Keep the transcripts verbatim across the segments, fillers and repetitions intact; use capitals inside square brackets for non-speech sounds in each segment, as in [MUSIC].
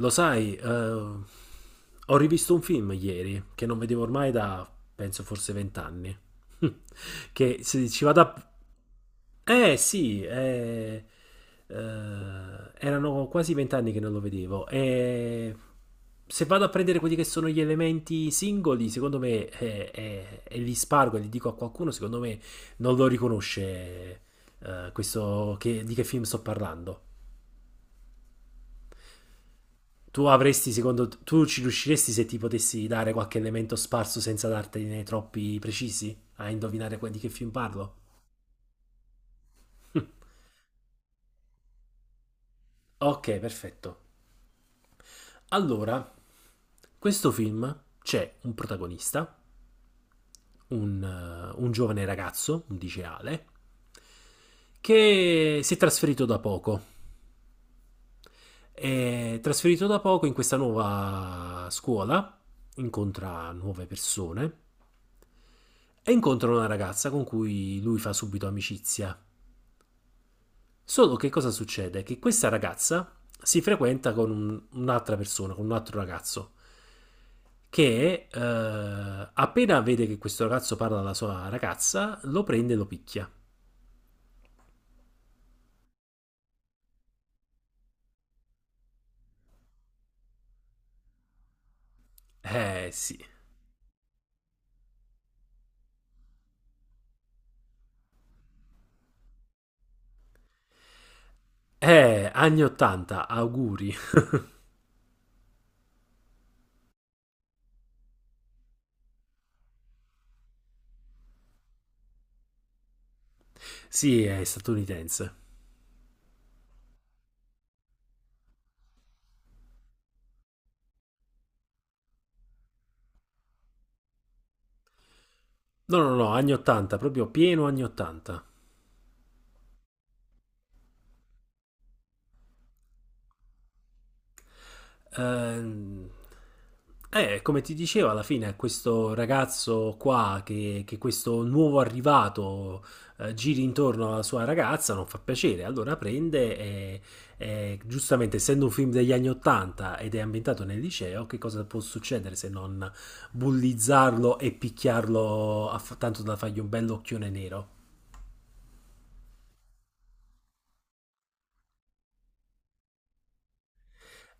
Lo sai, eh, ho rivisto un film ieri che non vedevo ormai da, penso, forse vent'anni. [LAUGHS] Che se ci vado a... Eh sì, eh, eh, erano quasi vent'anni che non lo vedevo. E se vado a prendere quelli che sono gli elementi singoli, secondo me, eh, eh, e li spargo e li dico a qualcuno, secondo me non lo riconosce, eh, questo che- di che film sto parlando. Tu avresti, secondo tu ci riusciresti se ti potessi dare qualche elemento sparso senza dartene troppi precisi a indovinare que- di che film parlo? [LAUGHS] Ok, perfetto. Allora, questo film c'è un protagonista, un, eh, un giovane ragazzo, un liceale, che si è trasferito da poco. È trasferito da poco in questa nuova scuola, incontra nuove persone e incontra una ragazza con cui lui fa subito amicizia. Solo che cosa succede? Che questa ragazza si frequenta con un- un'altra persona, con un altro ragazzo, che eh, appena vede che questo ragazzo parla alla sua ragazza, lo prende e lo picchia. Eh sì. Eh, anni ottanta, auguri. Sì, è statunitense. No, no, no, anni ottanta, proprio pieno anni ottanta. Ehm, eh, Come ti dicevo, alla fine questo ragazzo qua, che, che questo nuovo arrivato eh, giri intorno alla sua ragazza, non fa piacere. Allora prende e, e, giustamente, essendo un film degli anni ottanta ed è ambientato nel liceo, che cosa può succedere se non bullizzarlo e picchiarlo a- tanto da fargli un bell'occhione nero?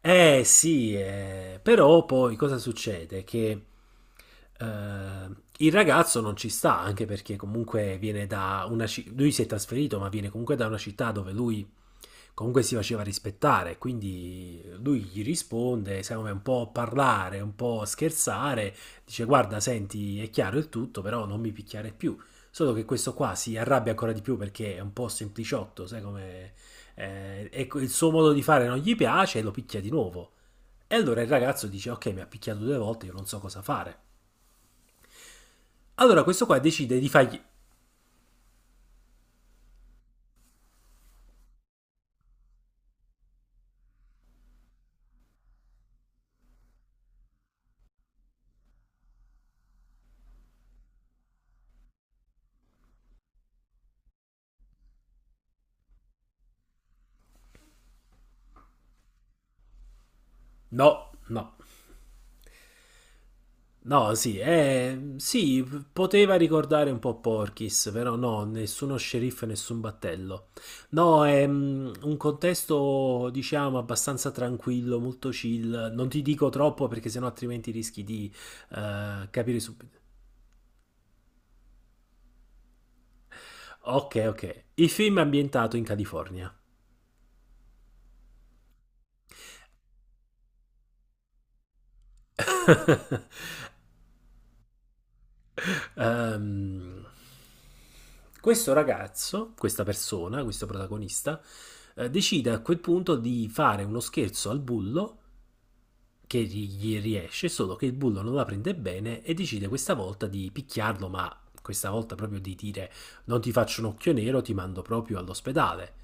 Eh sì, eh, però poi cosa succede? Che eh, il ragazzo non ci sta, anche perché comunque viene da una città, lui si è trasferito, ma viene comunque da una città dove lui comunque si faceva rispettare, quindi lui gli risponde, secondo me un po' parlare, un po' scherzare, dice guarda, senti, è chiaro il tutto, però non mi picchiare più. Solo che questo qua si arrabbia ancora di più perché è un po' sempliciotto, sai come... eh, e il suo modo di fare non gli piace e lo picchia di nuovo. E allora il ragazzo dice ok, mi ha picchiato due volte, io non so cosa fare. Allora questo qua decide di fargli... No, no. No, sì, eh, sì, p- poteva ricordare un po' Porky's, però no, nessuno sceriffo e nessun battello. No, è mm, un contesto, diciamo, abbastanza tranquillo, molto chill. Non ti dico troppo perché sennò altrimenti rischi di eh, capire subito. Ok, ok. Il film è ambientato in California. Ehm, Questo ragazzo, questa persona, questo protagonista, eh, decide a quel punto di fare uno scherzo al bullo che gli riesce, solo che il bullo non la prende bene e decide questa volta di picchiarlo, ma questa volta proprio di dire non ti faccio un occhio nero, ti mando proprio all'ospedale.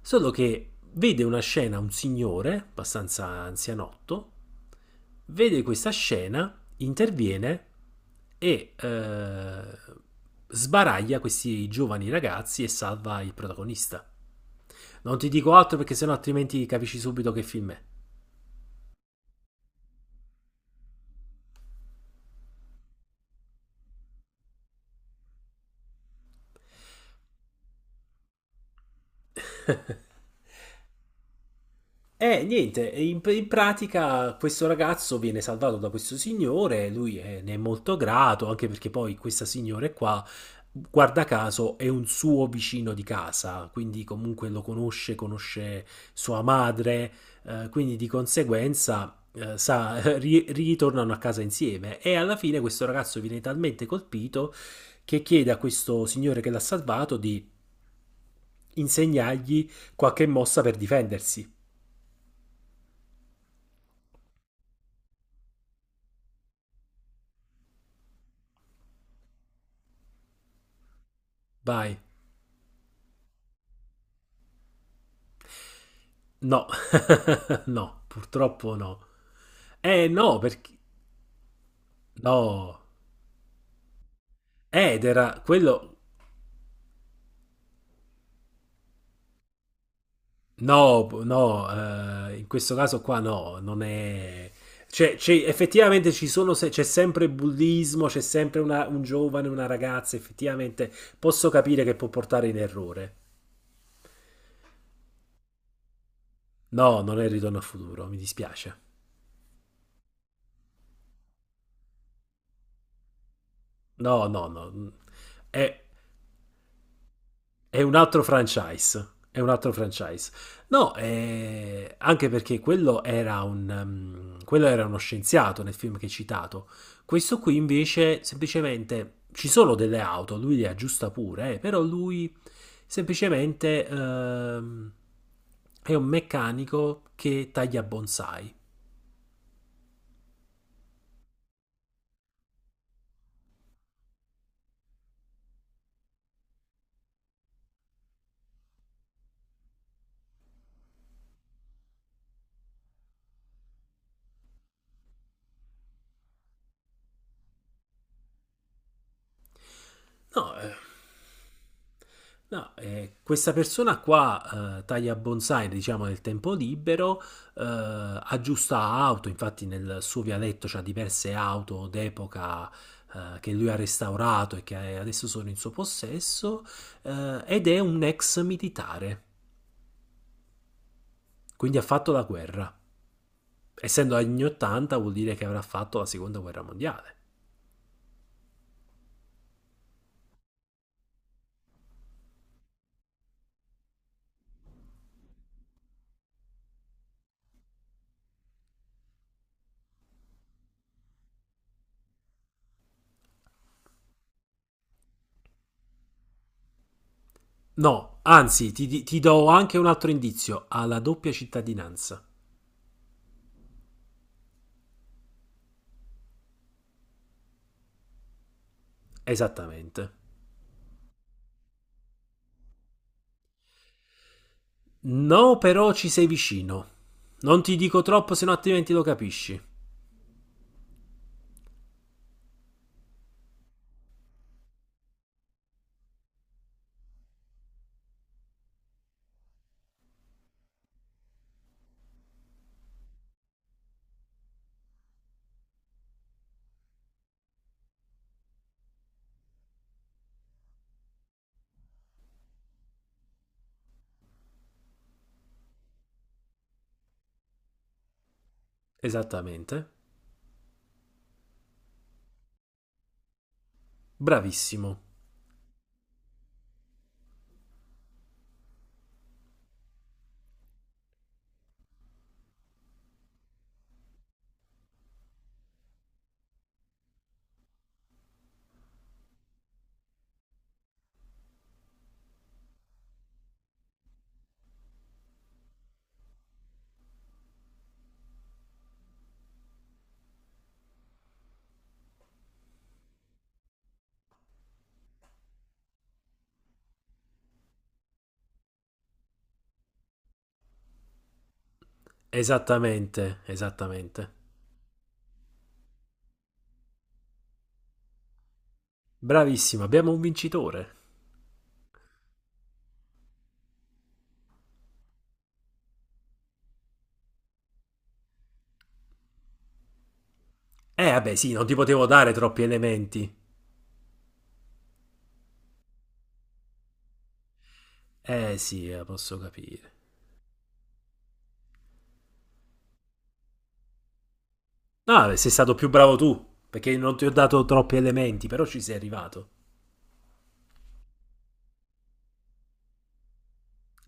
Solo che vede una scena, un signore, abbastanza anzianotto, vede questa scena, interviene e eh, sbaraglia questi giovani ragazzi e salva il protagonista. Non ti dico altro perché sennò altrimenti capisci subito che film è. Eh, niente, in, in pratica questo ragazzo viene salvato da questo signore, lui è- ne è molto grato, anche perché poi questa signora qua, guarda caso, è un suo vicino di casa, quindi comunque lo conosce, conosce sua madre, eh, quindi di conseguenza, eh, sa, [LAUGHS] ri- ritornano a casa insieme e alla fine questo ragazzo viene talmente colpito che chiede a questo signore che l'ha salvato di insegnargli qualche mossa per difendersi. Vai. No. No, purtroppo no. Eh no, perché... No. Ed era quello... No, no, eh, in questo caso qua no, non è... Cioè, c'è- effettivamente ci sono se- c'è sempre bullismo, c'è sempre una- un giovane, una ragazza, effettivamente posso capire che può portare in errore. No, non è il ritorno al futuro, mi dispiace. No, no, no. Mm. È. È un altro franchise. È un altro franchise. No, eh, anche perché quello era, un, um, quello era uno scienziato nel film che hai citato. Questo qui invece semplicemente ci sono delle auto, lui le aggiusta pure, eh, però lui semplicemente ehm, è un meccanico che taglia bonsai. No, eh. No, eh, questa persona qua eh, taglia bonsai, diciamo, nel tempo libero, eh, aggiusta auto, infatti nel suo vialetto c'ha diverse auto d'epoca, eh, che lui ha restaurato e che adesso sono in suo possesso, eh, ed è un ex militare, quindi ha fatto la guerra. Essendo anni ottanta vuol dire che avrà fatto la seconda guerra mondiale. No, anzi, ti, ti do anche un altro indizio, ha la doppia cittadinanza. Esattamente. No, però ci sei vicino. Non ti dico troppo, se no altrimenti lo capisci. Esattamente. Bravissimo. Esattamente, esattamente. Bravissimo, abbiamo un vincitore. Eh, vabbè, sì, non ti potevo dare troppi elementi. Eh, sì, la posso capire. No, vabbè, sei stato più bravo tu, perché non ti ho dato troppi elementi, però ci sei arrivato.